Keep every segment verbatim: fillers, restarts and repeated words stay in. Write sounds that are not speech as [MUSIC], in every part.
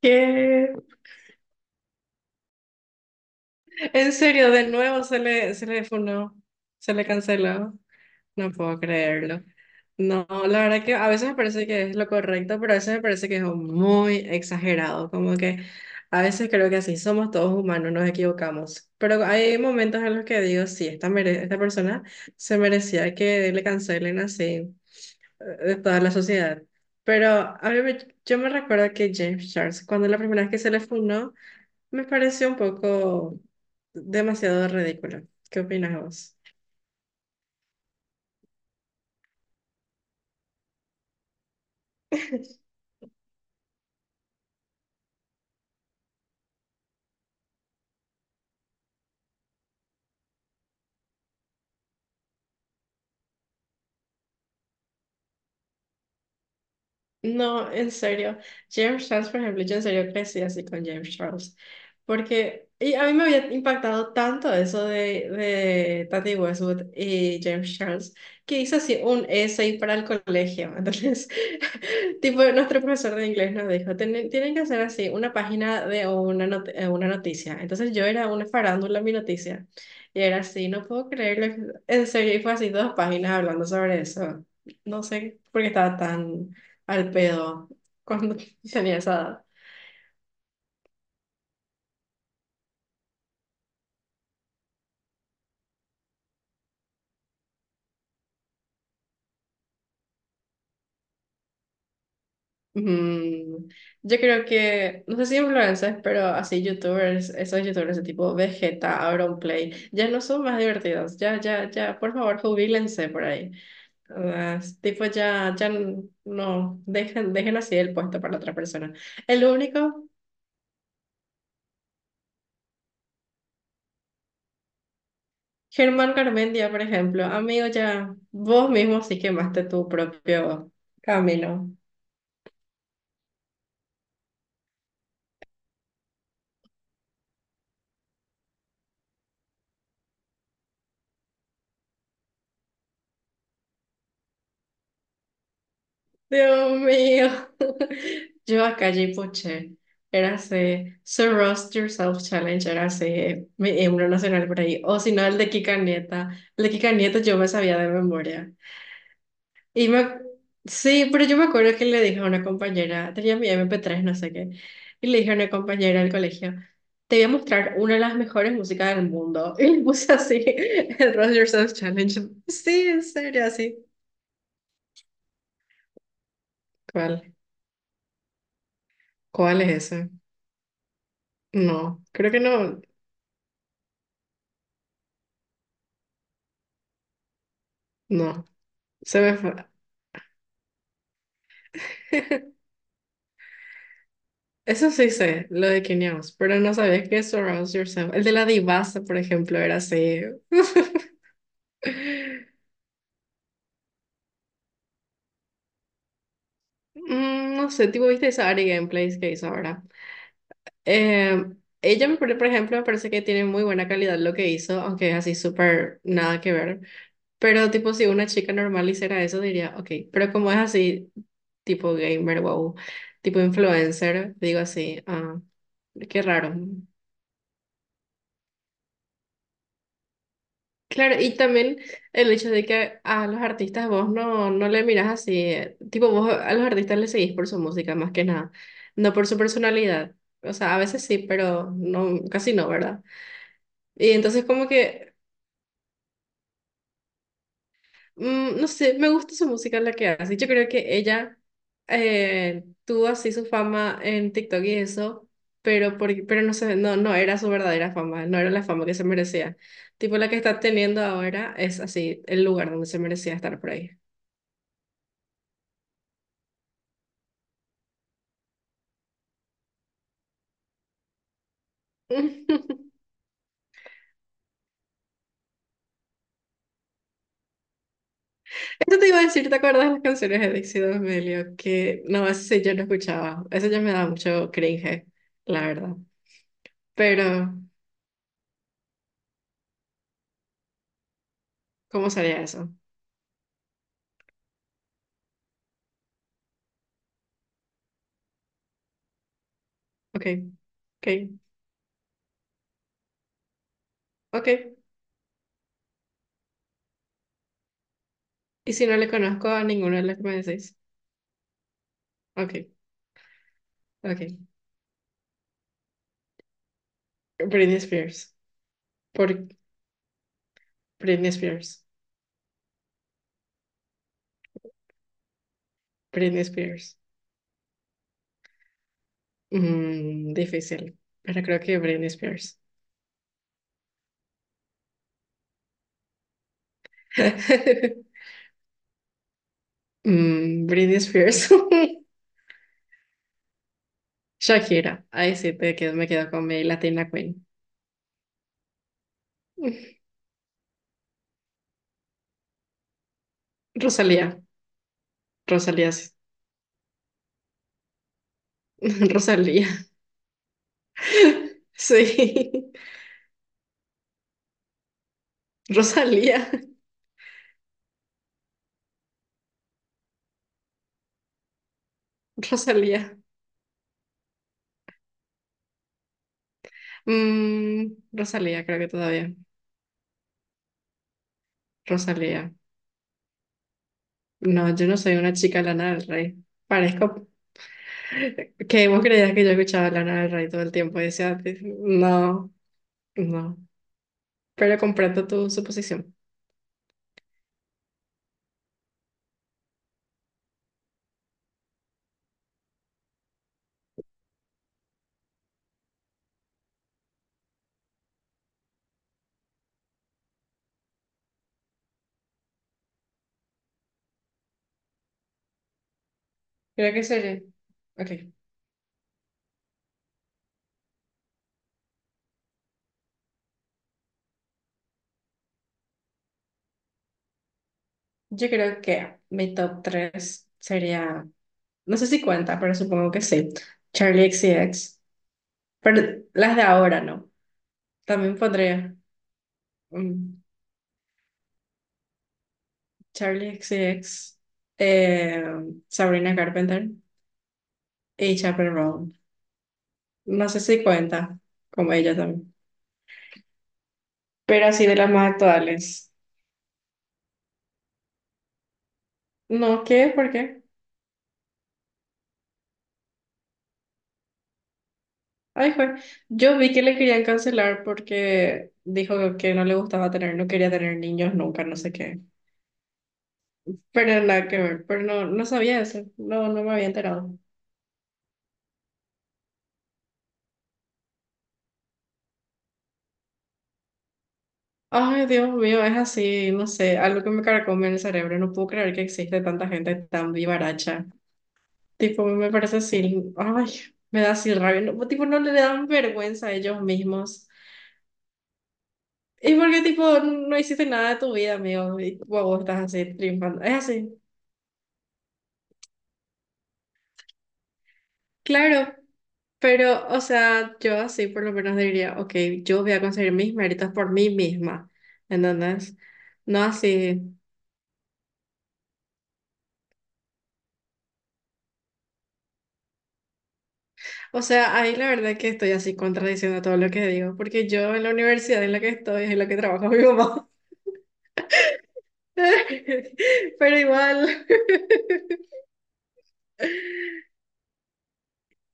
¿Qué? En serio, de nuevo se le, se le funó, se le canceló. No puedo creerlo. No, la verdad que a veces me parece que es lo correcto, pero a veces me parece que es muy exagerado. Como que a veces creo que así somos todos humanos, nos equivocamos. Pero hay momentos en los que digo, sí, esta, mere- esta persona se merecía que le cancelen así, eh, de toda la sociedad. Pero a mí me- yo me recuerdo que James Charles, cuando la primera vez que se le funó, me pareció un poco demasiado ridículo. ¿Qué opinas vos? No, en serio. James Charles, por ejemplo, yo en serio crecí así con James Charles. Porque y a mí me había impactado tanto eso de, de Tati Westwood y James Charles, que hice así un essay para el colegio. Entonces, [LAUGHS] tipo, nuestro profesor de inglés nos dijo, "Tienen tienen que hacer así una página de una, not- eh, una noticia". Entonces yo era una farándula en mi noticia. Y era así, no puedo creerlo. En serio, y fue así dos páginas hablando sobre eso. No sé por qué estaba tan al pedo cuando [LAUGHS] tenía esa edad. Mm, yo creo que, no sé si influencers, pero así youtubers, esos youtubers de tipo Vegeta, Auronplay, ya no son más divertidos, ya, ya, ya, por favor, jubílense por ahí. Ah, es tipo, ya, ya, n- no, dejen, dejen así el puesto para otra persona. El único, Germán Garmendia, por ejemplo, amigo, ya, vos mismo sí quemaste tu propio camino. Dios mío. [LAUGHS] Yo acá, Poche, era ese So Roast Yourself Challenge, era ese mi himno nacional por ahí, o si no, el de Kika Nieta. El de Kika Nieta yo me sabía de memoria. Y me, sí, pero yo me acuerdo que le dije a una compañera, tenía mi m p tres no sé qué, y le dije a una compañera del colegio, te voy a mostrar una de las mejores músicas del mundo. [LAUGHS] Y le puse así, [LAUGHS] el Roast Yourself Challenge. Sí, en serio, así. ¿Cuál? ¿Cuál es ese? No, creo que no. No, se me fue. [LAUGHS] Eso sí sé, lo de Kenya, pero no sabía que Surround Yourself. El de la divasa, por ejemplo, era así. [LAUGHS] Mm, No sé, tipo, viste esa Ari Gameplays que hizo ahora. Eh, Ella, me pare- por ejemplo, me parece que tiene muy buena calidad lo que hizo, aunque es así súper nada que ver. Pero, tipo, si una chica normal hiciera eso, diría, ok, pero como es así, tipo gamer, wow, tipo influencer, digo así, ah, qué raro. Claro, y también el hecho de que a los artistas vos no, no le mirás así, eh, tipo vos a los artistas le seguís por su música más que nada, no por su personalidad. O sea, a veces sí, pero no, casi no, ¿verdad? Y entonces como que, mm, no sé, me gusta su música la que hace. Yo creo que ella, eh, tuvo así su fama en TikTok y eso, pero, porque, pero no sé, no, no era su verdadera fama, no era la fama que se merecía. Tipo la que está teniendo ahora es así, el lugar donde se merecía estar por ahí. [LAUGHS] Eso te iba a decir, ¿te acuerdas de las canciones de Dixie D'Amelio? Que no, eso sí yo no escuchaba. Eso ya me daba mucho cringe, la verdad. Pero ¿cómo sería eso? Ok, ok, ok. Y si no le conozco a ninguno de los que me decís. Ok, ok. Britney Spears. Por Britney Spears. Britney Spears. Mm, difícil. Pero creo que Britney Spears. [LAUGHS] Mm, Britney Spears. [LAUGHS] Shakira. Ahí sí te quedo, me quedo con mi Latina Queen. Rosalía, Rosalía, sí. [LAUGHS] Rosalía. [LAUGHS] Sí. [LAUGHS] Rosalía, Rosalía. Mm, Rosalía, creo que todavía. Rosalía. No, yo no soy una chica Lana del Rey. Parezco que vos creías que yo escuchaba Lana del Rey todo el tiempo y decía, no, no. Pero comprendo tu suposición. Creo que sería. Ok. Yo creo que mi top tres sería. No sé si cuenta, pero supongo que sí. Charlie X C X. Pero las de ahora no. También pondría, mm, Charlie X C X, eh, Sabrina Carpenter y Chappell Roan. No sé si cuenta, como ella también. Pero así de las más actuales. No, ¿qué? ¿Por qué? Ay, jue. Yo vi que le querían cancelar porque dijo que no le gustaba tener, no quería tener niños nunca, no sé qué. Pero nada que ver, pero no, no sabía eso, no, no me había enterado. Ay, Dios mío, es así, no sé, algo que me carcome en el cerebro. No puedo creer que existe tanta gente tan vivaracha. Tipo, me parece así, ay, me da así rabia. No, tipo, no le dan vergüenza a ellos mismos. Y porque, tipo, no hiciste nada de tu vida, amigo, y tipo, vos estás así triunfando. Es así, claro, pero, o sea, yo así por lo menos diría, ok, yo voy a conseguir mis méritos por mí misma, ¿entendés? No así. O sea, ahí la verdad que estoy así contradiciendo todo lo que digo, porque yo en la universidad en la que estoy es en la que trabaja mi mamá. [LAUGHS] Pero igual, [LAUGHS]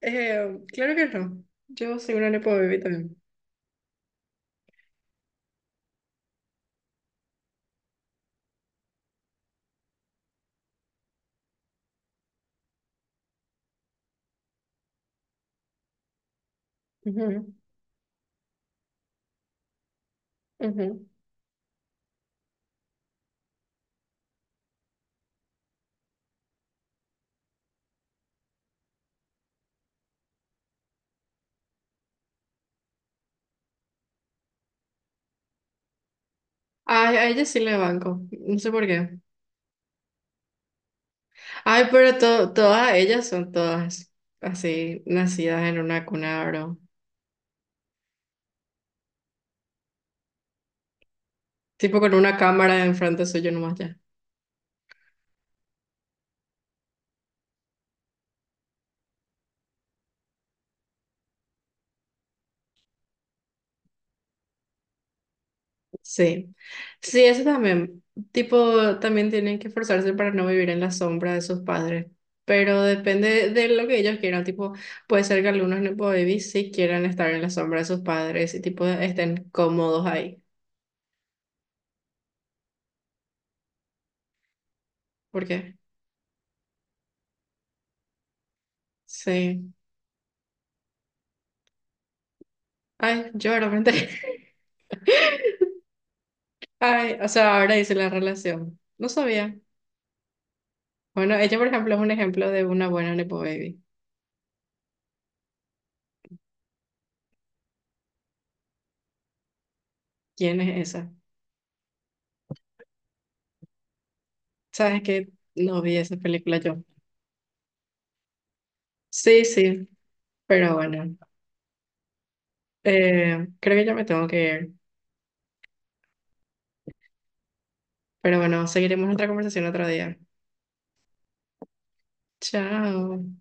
eh, claro que no. Yo soy una nepo baby también. Ujú, ujú. Ay, a ella sí le banco, no sé por qué. Ay, pero to- todas ellas son todas así, nacidas en una cuna, bro. Tipo con una cámara enfrente suyo nomás. Sí, sí, eso también, tipo, también tienen que esforzarse para no vivir en la sombra de sus padres, pero depende de lo que ellos quieran, tipo, puede ser que algunos nepo babies sí quieran estar en la sombra de sus padres y tipo estén cómodos ahí, porque sí, ay, yo realmente, [LAUGHS] ay, o sea, ahora hice la relación, no sabía. Bueno, ella por ejemplo es un ejemplo de una buena nepo baby. ¿Quién es esa? ¿Sabes que? No vi esa película yo. Sí, sí, pero bueno. Eh, creo que ya me tengo que ir, pero bueno, seguiremos nuestra conversación otro día. Chao.